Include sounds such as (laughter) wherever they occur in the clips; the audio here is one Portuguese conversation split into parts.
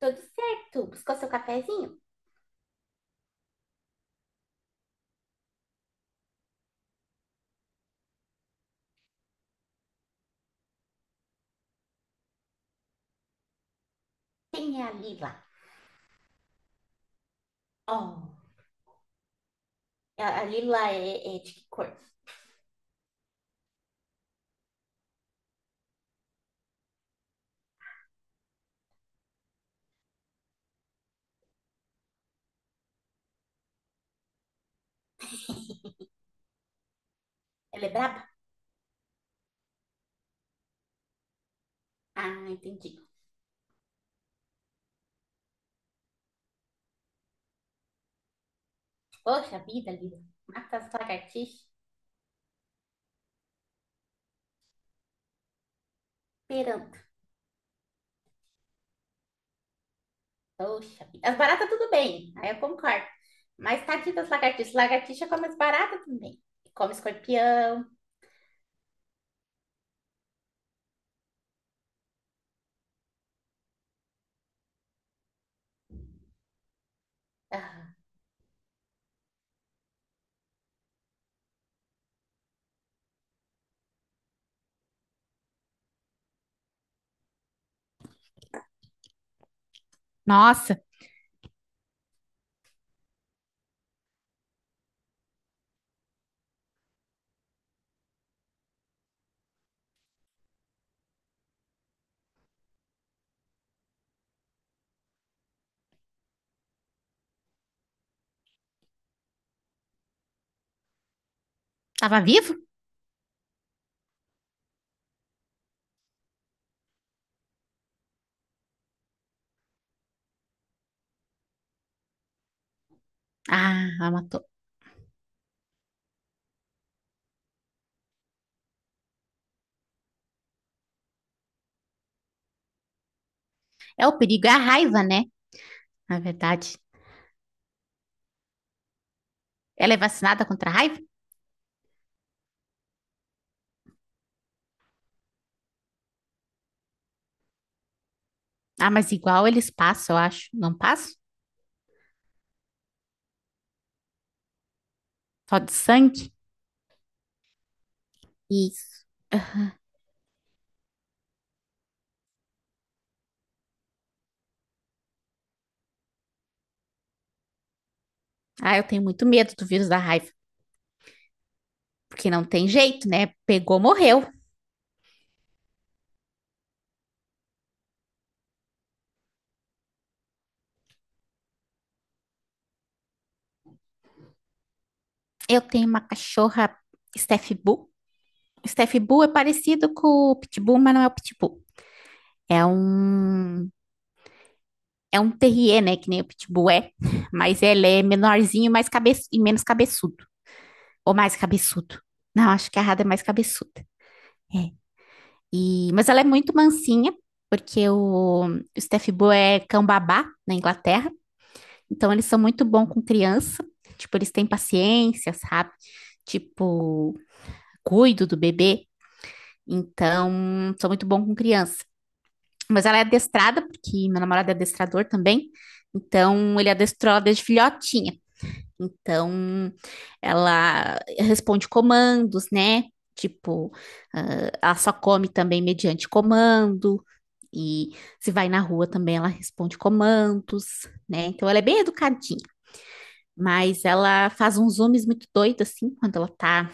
Tudo certo. Buscou seu cafezinho? Quem é a Lila? Oh, a Lila é de que cor? Ela é braba? Ah, entendi. Poxa vida, Lila. Mata as lagartixas esperando. Poxa vida. As baratas tudo bem, aí eu concordo. Mas tadinha das lagartixas. Lagartixa come as baratas também. Come escorpião. Ah, tava vivo? Ah, ela matou. É o perigo, é a raiva, né? Na verdade. Ela é vacinada contra a raiva? Ah, mas igual eles passam, eu acho. Não passam? Só de sangue? Isso. Ah, eu tenho muito medo do vírus da raiva, porque não tem jeito, né? Pegou, morreu. Eu tenho uma cachorra Steph Bull. Steph Bull é parecido com o Pitbull, mas não é o Pitbull. É um, é um terrier, né? Que nem o Pitbull é, (laughs) mas ele é menorzinho, mais cabe... e menos cabeçudo. Ou mais cabeçudo. Não, acho que a Rada é mais cabeçuda. É. E... Mas ela é muito mansinha, porque o Steph Bull é cão babá na Inglaterra. Então, eles são muito bons com criança. Tipo, eles têm paciência, sabe? Tipo, cuido do bebê. Então, sou muito bom com criança. Mas ela é adestrada, porque meu namorado é adestrador também. Então, ele adestrou ela desde filhotinha. Então, ela responde comandos, né? Tipo, ah, ela só come também mediante comando. E se vai na rua também, ela responde comandos, né? Então, ela é bem educadinha. Mas ela faz uns zooms muito doidos, assim, quando ela tá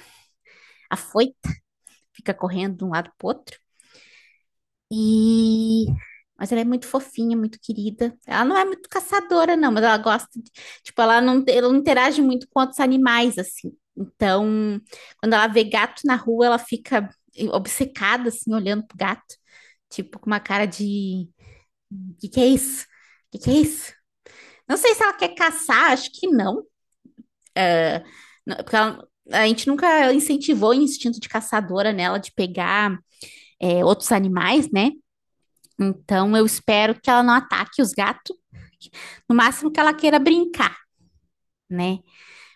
afoita, fica correndo de um lado pro outro. E... Mas ela é muito fofinha, muito querida. Ela não é muito caçadora, não, mas ela gosta de... Tipo, ela não interage muito com outros animais, assim. Então, quando ela vê gato na rua, ela fica obcecada, assim, olhando pro gato. Tipo, com uma cara de... O que que é isso? O que que é isso? Não sei se ela quer caçar, acho que não. Não, porque ela- a gente nunca incentivou o instinto de caçadora nela de pegar é, outros animais, né? Então eu espero que ela não ataque os gatos, no máximo que ela queira brincar, né?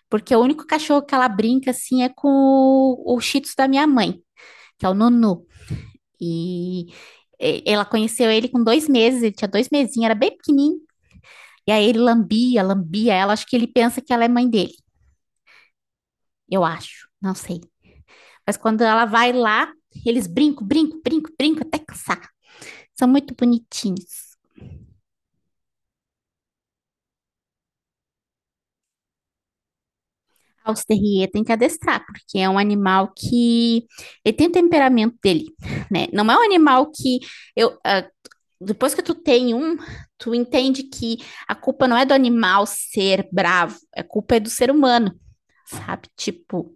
Porque o único cachorro que ela brinca assim é com o Shih Tzu da minha mãe, que é o Nunu. E e- ela conheceu ele com 2 meses, ele tinha 2 mesinhos, era bem pequenininho. E aí ele lambia, lambia ela. Acho que ele pensa que ela é mãe dele, eu acho. Não sei. Mas quando ela vai lá, eles brincam, brincam, brincam, brincam até cansar. São muito bonitinhos. O Terrier tem que adestrar, porque é um animal que ele tem o temperamento dele, né? Não é um animal que eu ah, depois que tu tem um, tu entende que a culpa não é do animal ser bravo, a culpa é do ser humano, sabe? Tipo,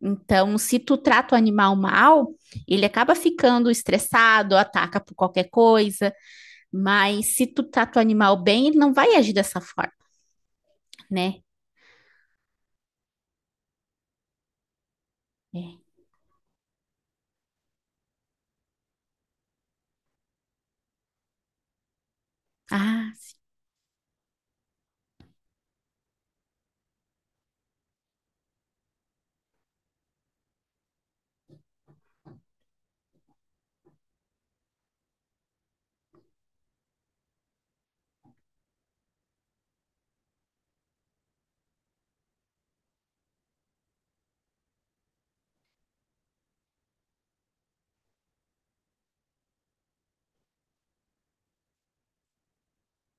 então se tu trata o animal mal, ele acaba ficando estressado, ataca por qualquer coisa. Mas se tu trata o animal bem, ele não vai agir dessa forma, né? É. Ah, sim.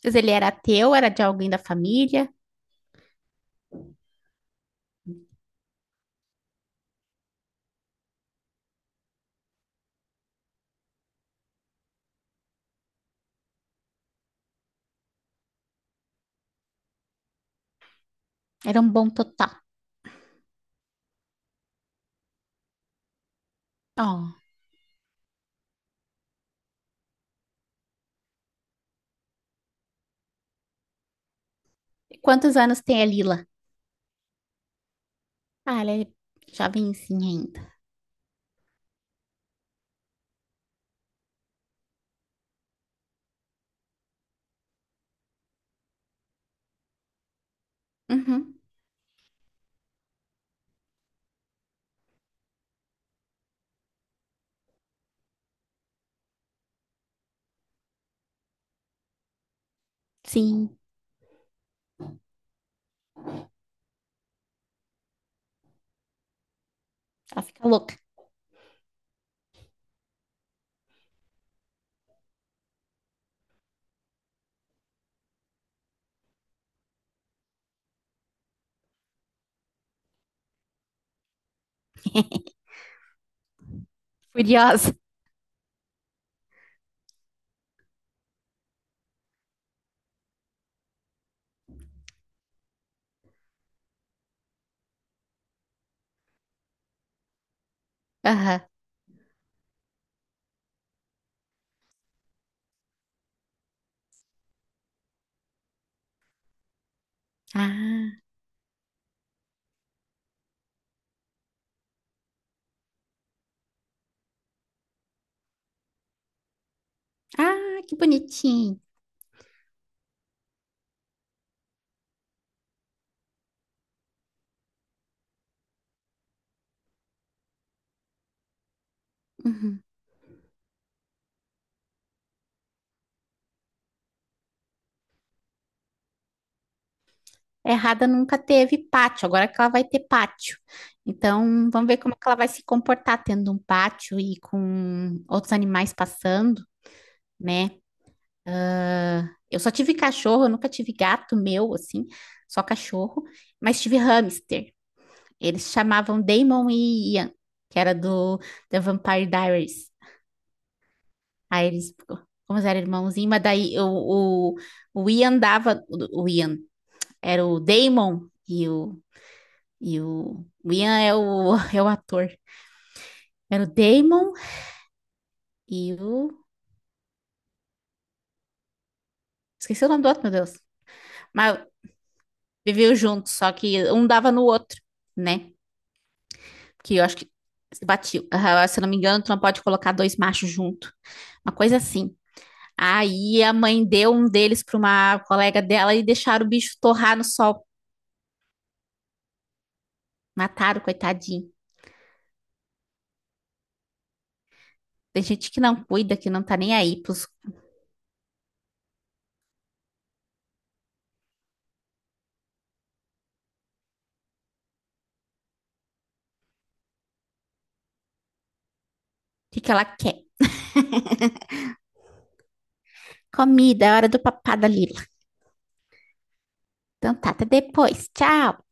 Mas ele era teu, era de alguém da família? Era um bom total. Ó. E quantos anos tem a Lila? Ah, ela é jovenzinha ainda. Uhum. Sim, ela fica louca, furiosa. Aham. Ah, ah, que bonitinho. Uhum. Errada nunca teve pátio, agora que ela vai ter pátio. Então, vamos ver como é que ela vai se comportar tendo um pátio e com outros animais passando, né? Ah, eu só tive cachorro, eu nunca tive gato meu, assim, só cachorro, mas tive hamster. Eles se chamavam Damon e Ian, que era do The Vampire Diaries. Aí eles, como eles eram irmãozinhos, mas daí o Ian dava, o Ian era o Damon e o e o Ian é o, (laughs) é o ator. Era o Damon e o. Esqueci o nome do outro, meu Deus. Mas viveu junto, só que um dava no outro, né? Que eu acho que batiu. Ah, se eu não me engano, tu não pode colocar 2 machos junto. Uma coisa assim. Aí a mãe deu um deles para uma colega dela e deixaram o bicho torrar no sol. Mataram, coitadinho. Tem gente que não cuida, que não tá nem aí pros... O que que ela quer? Comida, é hora do papá da Lila. Então tá, até depois. Tchau.